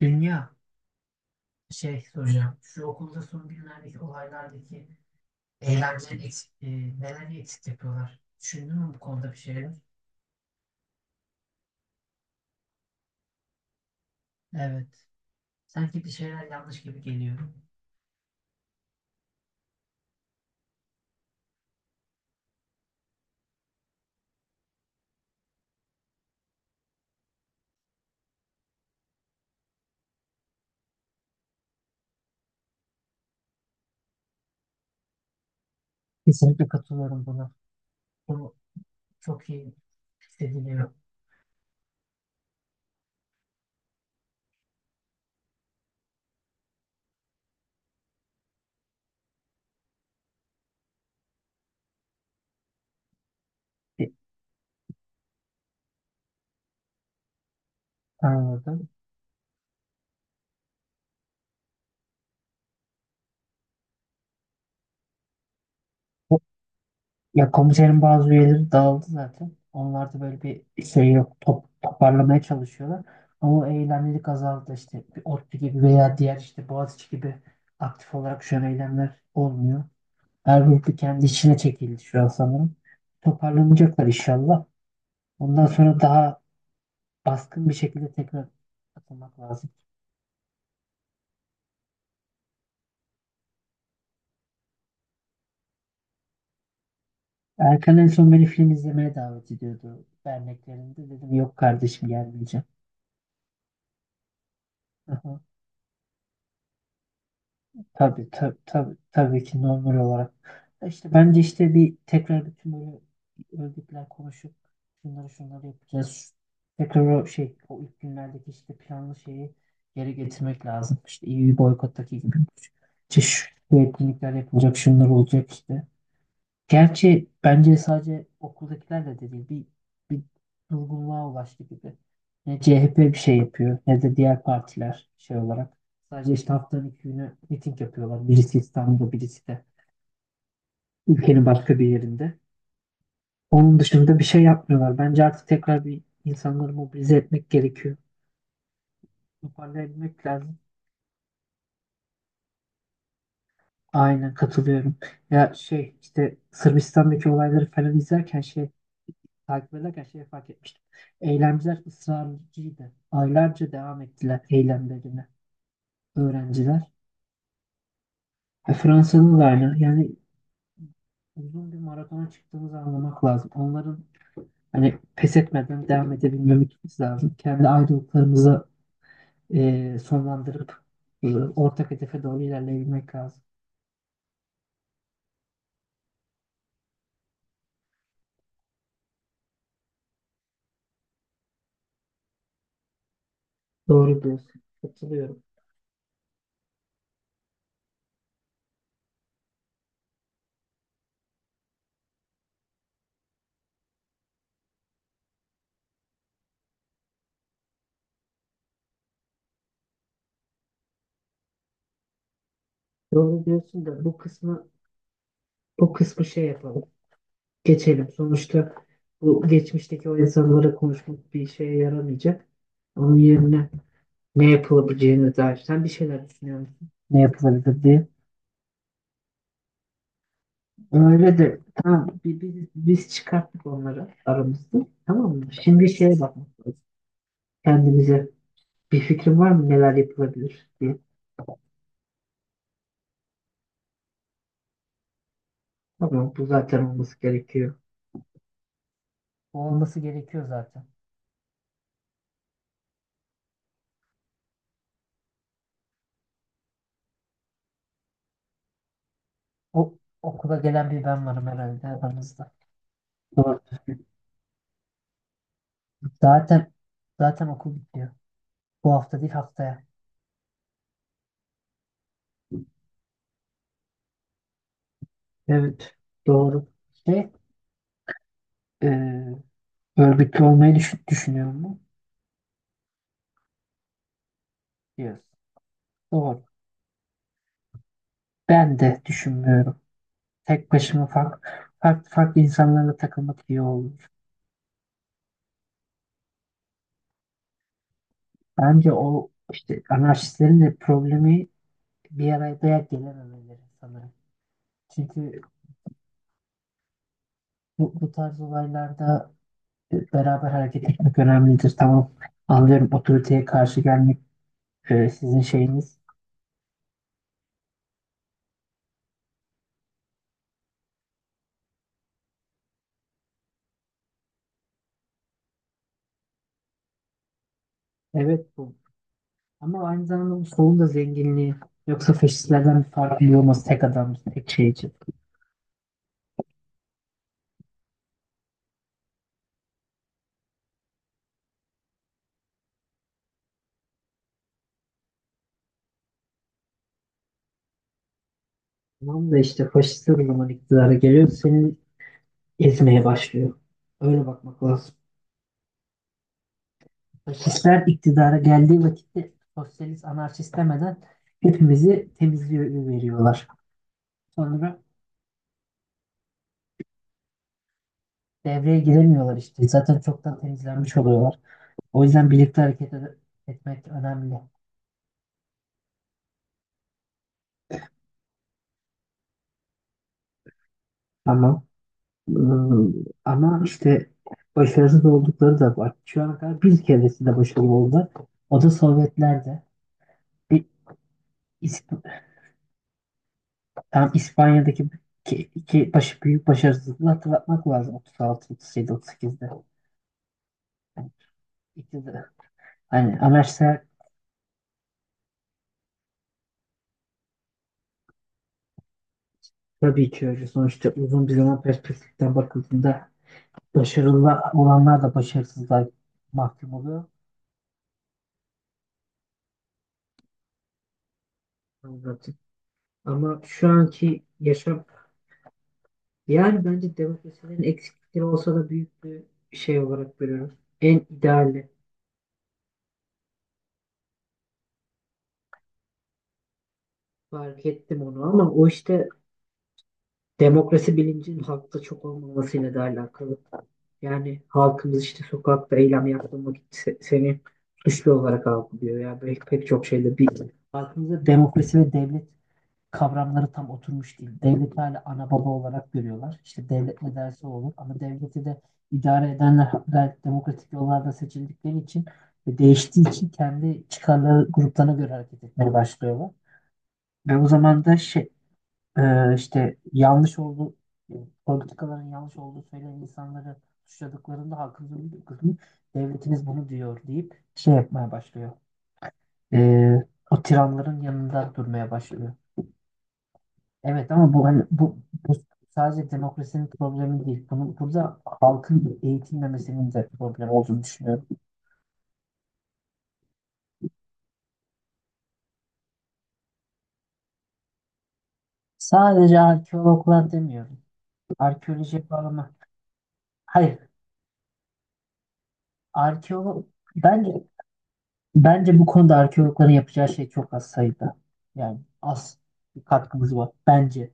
Dünya şey soracağım. Şu okulda son günlerdeki olaylardaki eylemleri eksik, neleri eksik yapıyorlar? Düşündün mü bu konuda bir şeyler? Evet. Sanki bir şeyler yanlış gibi geliyor. Kesinlikle katılıyorum buna. Bunu çok iyi hissediliyor. E, Anladım. Bu- Ya komiserin bazı üyeleri dağıldı zaten. Onlar da böyle bir şey yok. Toparlamaya çalışıyorlar. Ama o eylemlilik azaldı işte. Bir ODTÜ gibi veya diğer işte Boğaziçi gibi aktif olarak şu an eylemler olmuyor. Her grup kendi içine çekildi şu an sanırım. Toparlanacaklar inşallah. Ondan sonra daha baskın bir şekilde tekrar atılmak lazım. Erkan en son beni film izlemeye davet ediyordu derneklerinde. Dedim yok kardeşim gelmeyeceğim. Tabii tabii tabii, tabii ki normal olarak. Ya İşte bence işte bir tekrar bütün böyle örgütler konuşup şunları şunları yapacağız. Tekrar o şey o ilk günlerdeki işte planlı şeyi geri getirmek lazım. İşte EU boykottaki gibi. İşte şu etkinlikler yapılacak, şunlar olacak işte. Gerçi bence sadece okuldakilerle de değil bir durgunluğa ulaştı gibi. Ne CHP bir şey yapıyor ne de diğer partiler şey olarak. Sadece işte haftanın iki günü miting yapıyorlar. Birisi İstanbul'da birisi de ülkenin başka bir yerinde. Onun dışında bir şey yapmıyorlar. Bence artık tekrar bir insanları mobilize etmek gerekiyor. Toparlayabilmek lazım. Aynen katılıyorum. Ya şey işte Sırbistan'daki olayları falan izlerken şey takip ederken şeyi fark etmiştim. Eylemciler ısrarcıydı. Aylarca devam ettiler eylemlerine öğrenciler. Fransa'da da aynı. Yani uzun bir maratona çıktığımızı anlamak lazım. Onların hani pes etmeden devam edebilmemiz lazım. Kendi ayrılıklarımızı sonlandırıp ortak hedefe doğru ilerleyebilmek lazım. Doğru diyorsun. Katılıyorum. Doğru diyorsun da bu kısmı şey yapalım. Geçelim. Sonuçta bu geçmişteki o insanlara konuşmak bir şeye yaramayacak. Onun yerine ne yapılabileceğine dair sen bir şeyler düşünüyor musun? Ne yapılabilir diye. Öyle de tamam biz çıkarttık onları aramızda. Tamam mı? Şimdi şeye bakmak lazım. Kendimize bir fikrin var mı neler yapılabilir diye. Tamam bu zaten olması gerekiyor. O olması gerekiyor zaten. O okula gelen bir ben varım herhalde aramızda. Doğru. Zaten zaten okul bitiyor. Bu hafta değil haftaya. Evet, doğru. Şey, e, örgütlü olmayı düşünüyor mu? Yes. Doğru. Ben de düşünmüyorum. Tek başıma farklı farklı insanlarla takılmak iyi olur. Bence o işte anarşistlerin de problemi bir araya dayak gelememeleri sanırım. Çünkü bu tarz olaylarda beraber hareket etmek önemlidir. Tamam, anlıyorum otoriteye karşı gelmek sizin şeyiniz. Evet, ama aynı zamanda bu solun da zenginliği yoksa faşistlerden bir farklı olması tek adam, tek şey için. Tamam da işte faşistler o zaman iktidara geliyor, seni ezmeye başlıyor. Öyle bakmak lazım. Faşistler iktidara geldiği vakitte sosyalist, anarşist demeden hepimizi temizliyor veriyorlar. Sonra devreye girilmiyorlar işte. Zaten çoktan temizlenmiş oluyorlar. O yüzden birlikte hareket etmek önemli. Ama ıı, ama işte başarısız oldukları da var. Şu ana kadar bir keresinde başarılı oldular. O da Sovyetler'de. Bir İsp- tam İspanya'daki iki büyük başarısızlığı hatırlatmak lazım. 36, 37, 38'de. Yani, ikisi de- hani amaçlar tabii ki öyle. Sonuçta uzun bir zaman perspektiften bakıldığında başarılı olanlar da başarısızlığa mahkum oluyor. Anladım. Ama şu anki yaşam yani bence demokrasinin eksiklikleri olsa da büyük bir şey olarak görüyorum. En ideali. Fark ettim onu ama o işte demokrasi bilincinin halkta çok olmamasıyla da alakalı. Yani halkımız işte sokakta eylem yaptığın vakit seni suçlu olarak algılıyor. Yani pek çok şeyde bir halkımızda demokrasi ve devlet kavramları tam oturmuş değil. Devleti hala ana baba olarak görüyorlar. İşte devlet ne derse o olur. Ama devleti de idare edenler de demokratik yollarda seçildikleri için ve değiştiği için kendi çıkarları gruplarına göre hareket etmeye başlıyorlar. Ve o zaman da şey, işte yanlış olduğu politikaların yanlış olduğu söyleyen insanları suçladıklarında halkımızın bir kısmı devletimiz bunu diyor deyip şey yapmaya başlıyor. E, O tiranların yanında durmaya başlıyor. Evet ama bu hani bu sadece demokrasinin problemi değil. Bunun burada halkın eğitilmemesinin de problem olduğunu düşünüyorum. Sadece arkeologlar demiyorum. Arkeoloji bağlama. Hayır, arkeolog bence bence bu konuda arkeologların yapacağı şey çok az sayıda. Yani az bir katkımız var bence.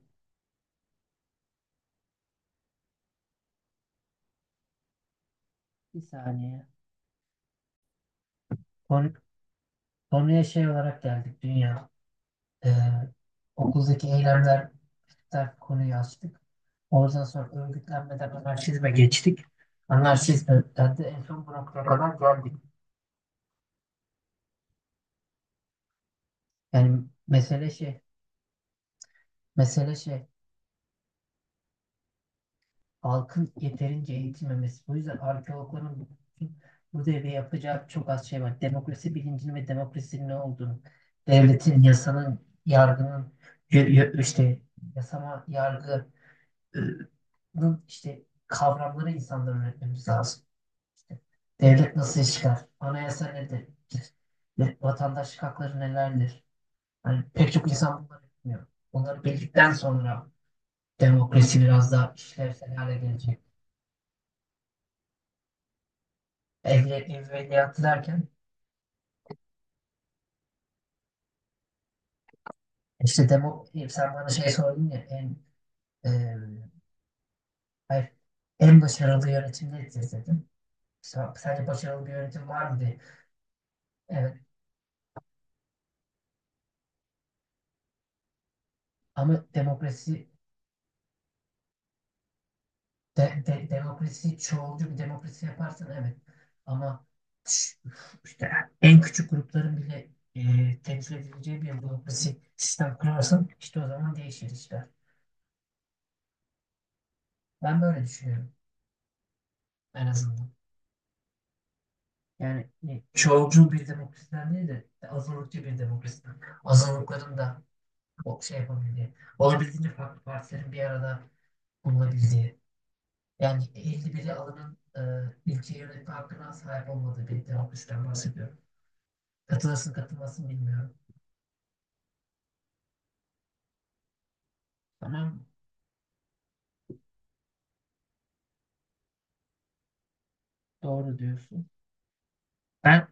Bir saniye. Konu, konuya şey olarak geldik dünya. Ee, Okuldaki eylemler der konuyu açtık. Oradan sonra örgütlenmeden anarşizme geçtik. Anarşizmden de en son bu noktaya kadar geldik. Yani mesele şey halkın yeterince eğitilmemesi. Bu yüzden arkeologların bu devre yapacağı çok az şey var. Demokrasi bilincinin ve demokrasinin ne olduğunu, devletin, yasanın, yargının, işte yasama, yargının işte kavramları insanlara öğretmemiz lazım. Devlet nasıl iş çıkar? Anayasa nedir? Ve vatandaşlık hakları nelerdir? Yani pek çok insan bunları bilmiyor. Bunları bildikten sonra demokrasi biraz daha işlevsel hale gelecek. Evveliyatı derken işte sen bana şey sordun ya e, hayır, en başarılı yönetim nedir dedim. Sence başarılı bir yönetim var mı diye. Evet ama demokrasi çoğulcu bir demokrasi yaparsan evet. Ama ş- işte en küçük grupların bile temsil edileceği bir demokrasi sistem kurarsan işte o zaman değişir işler. Ben böyle düşünüyorum en azından. Yani çoğulcu bir demokrasiden değil de azınlıkçı bir demokrasiden. Azınlıkların da o şey yapabildiği, olabildiğince farklı partilerin bir arada bulunabildiği. Yani 51'i alanın ülke yönetme hakkına sahip olmadığı bir demokrasiden bahsediyorum. Katılırsın katılmasın bilmiyorum. Tamam doğru diyorsun. Ben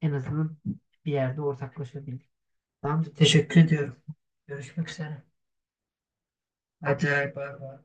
en azından bir yerde ortaklaşabildim. Tamamdır teşekkür ediyorum. Görüşmek üzere. Hadi bay bay.